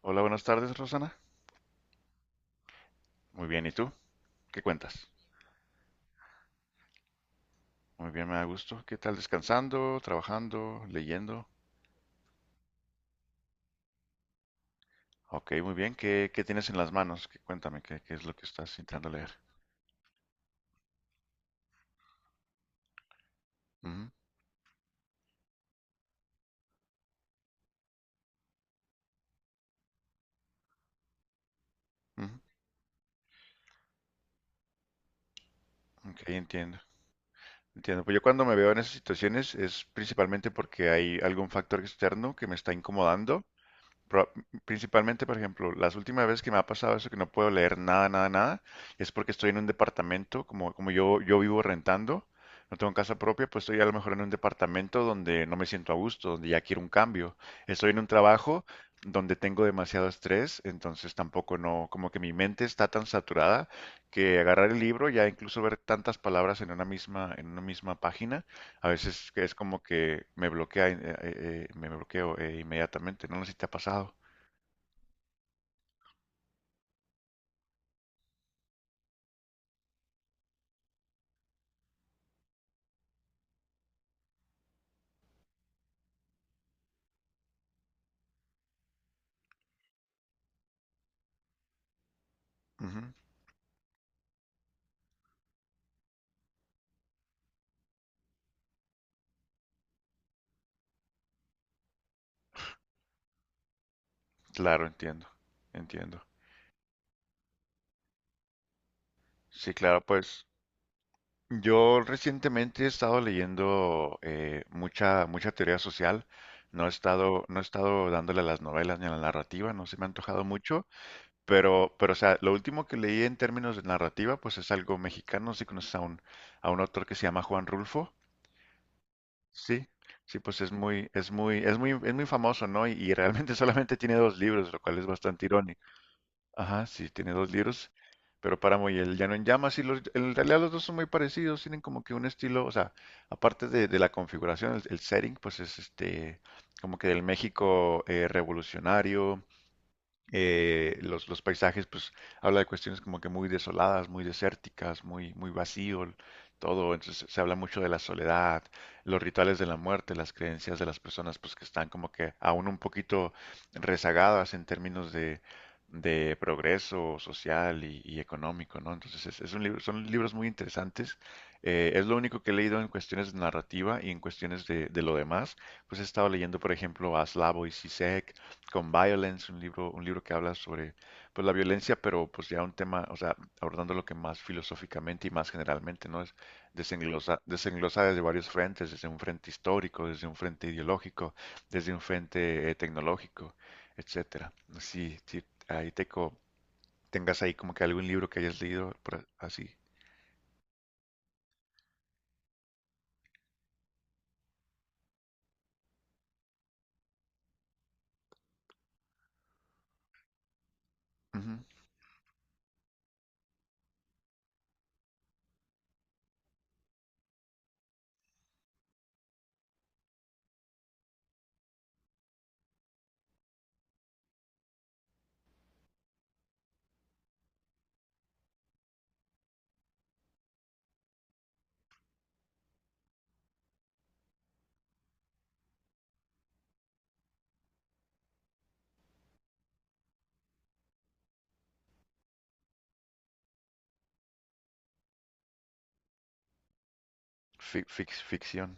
Hola, buenas tardes, Rosana. Muy bien, ¿y tú? ¿Qué cuentas? Muy bien, me da gusto. ¿Qué tal? ¿Descansando? ¿Trabajando? ¿Leyendo? Ok, muy bien. ¿Qué tienes en las manos? ¿Qué, cuéntame, ¿qué es lo que estás intentando leer? Ujú, ujú. Ok, entiendo. Entiendo. Pues yo cuando me veo en esas situaciones es principalmente porque hay algún factor externo que me está incomodando. Pro- Principalmente, por ejemplo, las últimas veces que me ha pasado eso, que no puedo leer nada, nada, nada, es porque estoy en un departamento, como, como yo vivo rentando, no tengo casa propia, pues estoy a lo mejor en un departamento donde no me siento a gusto, donde ya quiero un cambio. Estoy en un trabajo donde tengo demasiado estrés, entonces tampoco no, como que mi mente está tan saturada que agarrar el libro, ya incluso ver tantas palabras en una misma página, a veces es como que me bloquea, me bloqueo inmediatamente. No sé si te ha pasado. Ujú. Claro, entiendo, entiendo. Sí, claro, pues yo recientemente he estado leyendo mucha, mucha teoría social. No he estado, no he estado dándole a las novelas ni a la narrativa, no se me ha antojado mucho, pero, o sea, lo último que leí en términos de narrativa, pues es algo mexicano, si conoces a un autor que se llama Juan Rulfo. Sí, sí, pues es muy, es muy, es muy, es muy famoso, ¿no? Y realmente solamente tiene dos libros, lo cual es bastante irónico. Ajá, sí, tiene dos libros, pero Páramo y El Llano en Llamas, y los, en realidad los dos son muy parecidos, tienen como que un estilo, o sea, aparte de la configuración, el setting, pues es este, como que del México revolucionario, los paisajes, pues habla de cuestiones como que muy desoladas, muy desérticas, muy, muy vacío, todo. Entonces se habla mucho de la soledad, los rituales de la muerte, las creencias de las personas pues que están como que aún un poquito rezagadas en términos de progreso social y económico, ¿no? Entonces es un libro, son libros muy interesantes. Es lo único que he leído en cuestiones de narrativa y en cuestiones de lo demás. Pues he estado leyendo, por ejemplo, a Slavoj Zizek, con Violence, un libro que habla sobre pues, la violencia, pero pues ya un tema, o sea, abordando lo que más filosóficamente y más generalmente, ¿no? Es desenglosa, desenglosa desde varios frentes, desde un frente histórico, desde un frente ideológico, desde un frente tecnológico, etcétera. Si, si ahí teco, tengas ahí como que algún libro que hayas leído por así. Ujú. Ficción.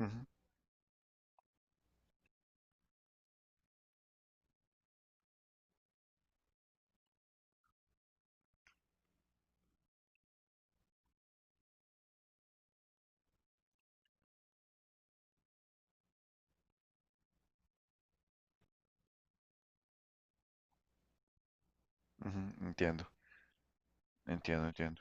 Ujú, ujú, entiendo, entiendo, entiendo.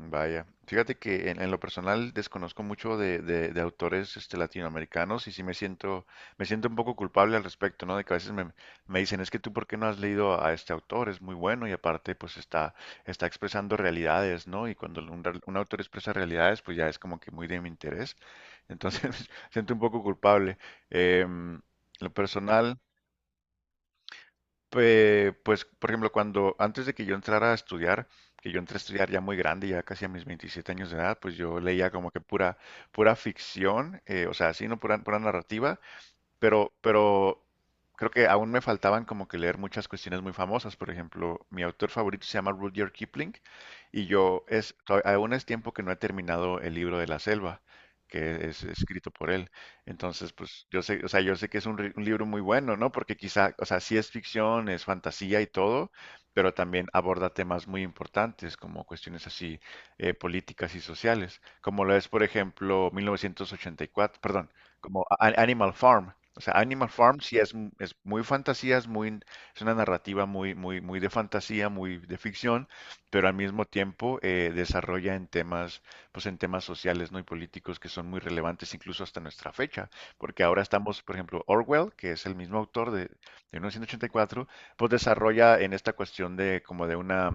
Vaya, fíjate que en lo personal desconozco mucho de, de autores este, latinoamericanos y sí me siento un poco culpable al respecto, ¿no? De que a veces me, me dicen, es que tú, ¿por qué no has leído a este autor? Es muy bueno y aparte, pues está, está expresando realidades, ¿no? Y cuando un, un autor expresa realidades, pues ya es como que muy de mi interés. Entonces, me siento un poco culpable. Em, lo personal. Pues, por ejemplo, cuando antes de que yo entrara a estudiar, que yo entré a estudiar ya muy grande, ya casi a mis 27 años de edad, pues yo leía como que pura, pura ficción, o sea, así, no pura, pura narrativa, pero creo que aún me faltaban como que leer muchas cuestiones muy famosas. Por ejemplo, mi autor favorito se llama Rudyard Kipling y yo es, aún es tiempo que no he terminado el libro de la selva, que es escrito por él. Entonces, pues yo sé, o sea, yo sé que es un, un libro muy bueno, ¿no? Porque quizá, o sea, sí es ficción, es fantasía y todo, pero también aborda temas muy importantes como cuestiones así políticas y sociales, como lo es, por ejemplo, 1984, perdón, como Animal Farm. O sea, Animal Farm sí es, es muy fantasía, es muy, es una narrativa muy, muy, muy de fantasía, muy de ficción, pero al mismo tiempo desarrolla en temas, pues en temas sociales, ¿no? y políticos que son muy relevantes incluso hasta nuestra fecha, porque ahora estamos, por ejemplo, Orwell, que es el mismo autor de 1984, pues desarrolla en esta cuestión de como de una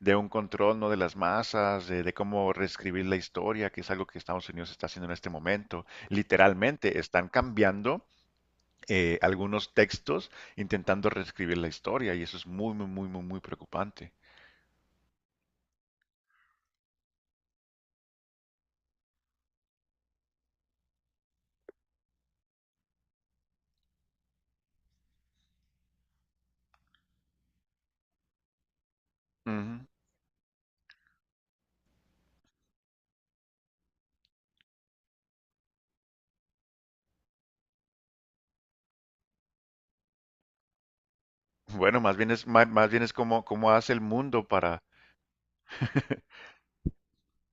de un control, ¿no? de las masas, de cómo reescribir la historia, que es algo que Estados Unidos está haciendo en este momento literalmente están cambiando algunos textos intentando reescribir la historia y eso es muy, muy, muy, muy, muy preocupante. Ujú. Bueno, más bien es, más, más bien es como, cómo hace el mundo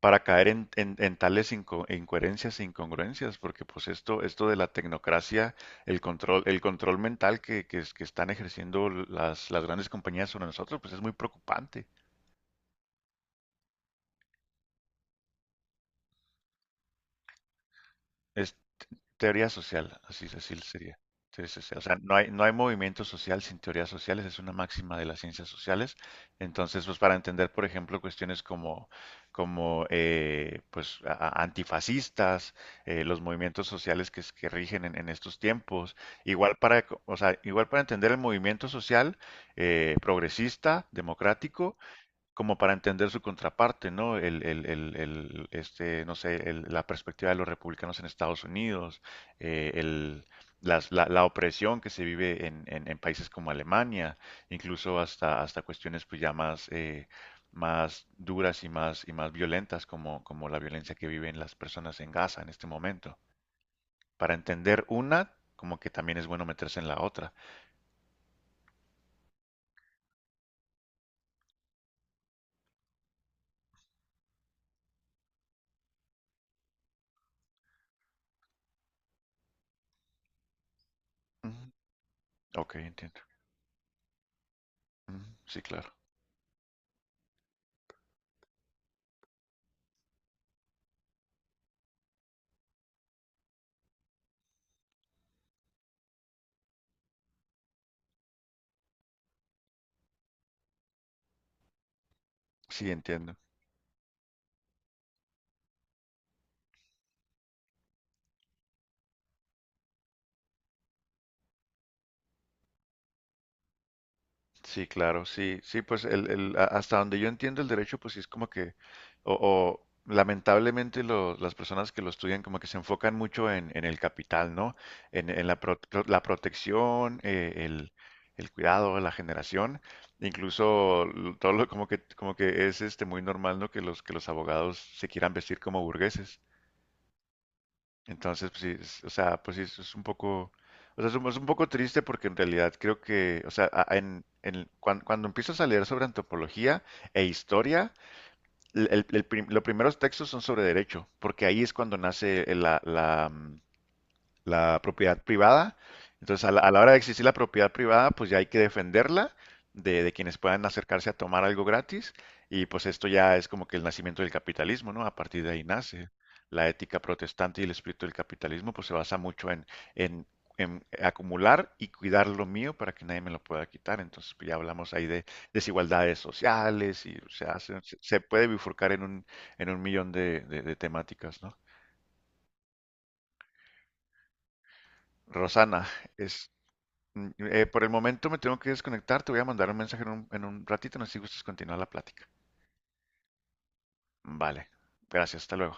para caer en, en tales e incoherencias e incongruencias, porque pues esto de la tecnocracia, el control mental que, que están ejerciendo las grandes compañías sobre nosotros, pues es muy preocupante. Teoría social, así, así sería. Teoría social. O sea, no hay, no hay movimiento social sin teorías sociales, es una máxima de las ciencias sociales. Entonces, pues para entender, por ejemplo, cuestiones como, como pues, antifascistas, los movimientos sociales que, que rigen en estos tiempos, igual para, o sea, igual para entender el movimiento social progresista, democrático, como para entender su contraparte, ¿no? El, este, no sé, la perspectiva de los republicanos en Estados Unidos, eh, el- la opresión que se vive en, en países como Alemania, incluso hasta, hasta cuestiones pues ya más, más duras y más violentas como, como la violencia que viven las personas en Gaza en este momento. Para entender una, como que también es bueno meterse en la otra. Ujú. Ok, entiendo. Ujú, sí, claro. Sí, entiendo. Sí, claro, sí, sí, pues el, hasta donde yo entiendo el derecho, pues sí es como que, o, o lamentablemente las personas que lo estudian como que se enfocan mucho en el capital, ¿no? En la, la protección, el cuidado, la generación, incluso todo lo, como que es este muy normal, ¿no? Que los abogados se quieran vestir como burgueses. Entonces, pues sí, o sea, pues sí, es un poco, o sea, es un poco triste porque en realidad creo que, o sea, en, cuando empiezas a leer sobre antropología e historia, los primeros textos son sobre derecho, porque ahí es cuando nace la, la, la propiedad privada. Entonces, a la hora de existir la propiedad privada, pues ya hay que defenderla de quienes puedan acercarse a tomar algo gratis. Y pues esto ya es como que el nacimiento del capitalismo, ¿no? A partir de ahí nace. La ética protestante y el espíritu del capitalismo, pues se basa mucho en, en acumular y cuidar lo mío para que nadie me lo pueda quitar. Entonces, pues ya hablamos ahí de desigualdades sociales y o sea, se puede bifurcar en un millón de, de temáticas, ¿no? Rosana, por el momento me tengo que desconectar, te voy a mandar un mensaje en un ratito, no sé si gustas continuar la plática. Vale, gracias, hasta luego.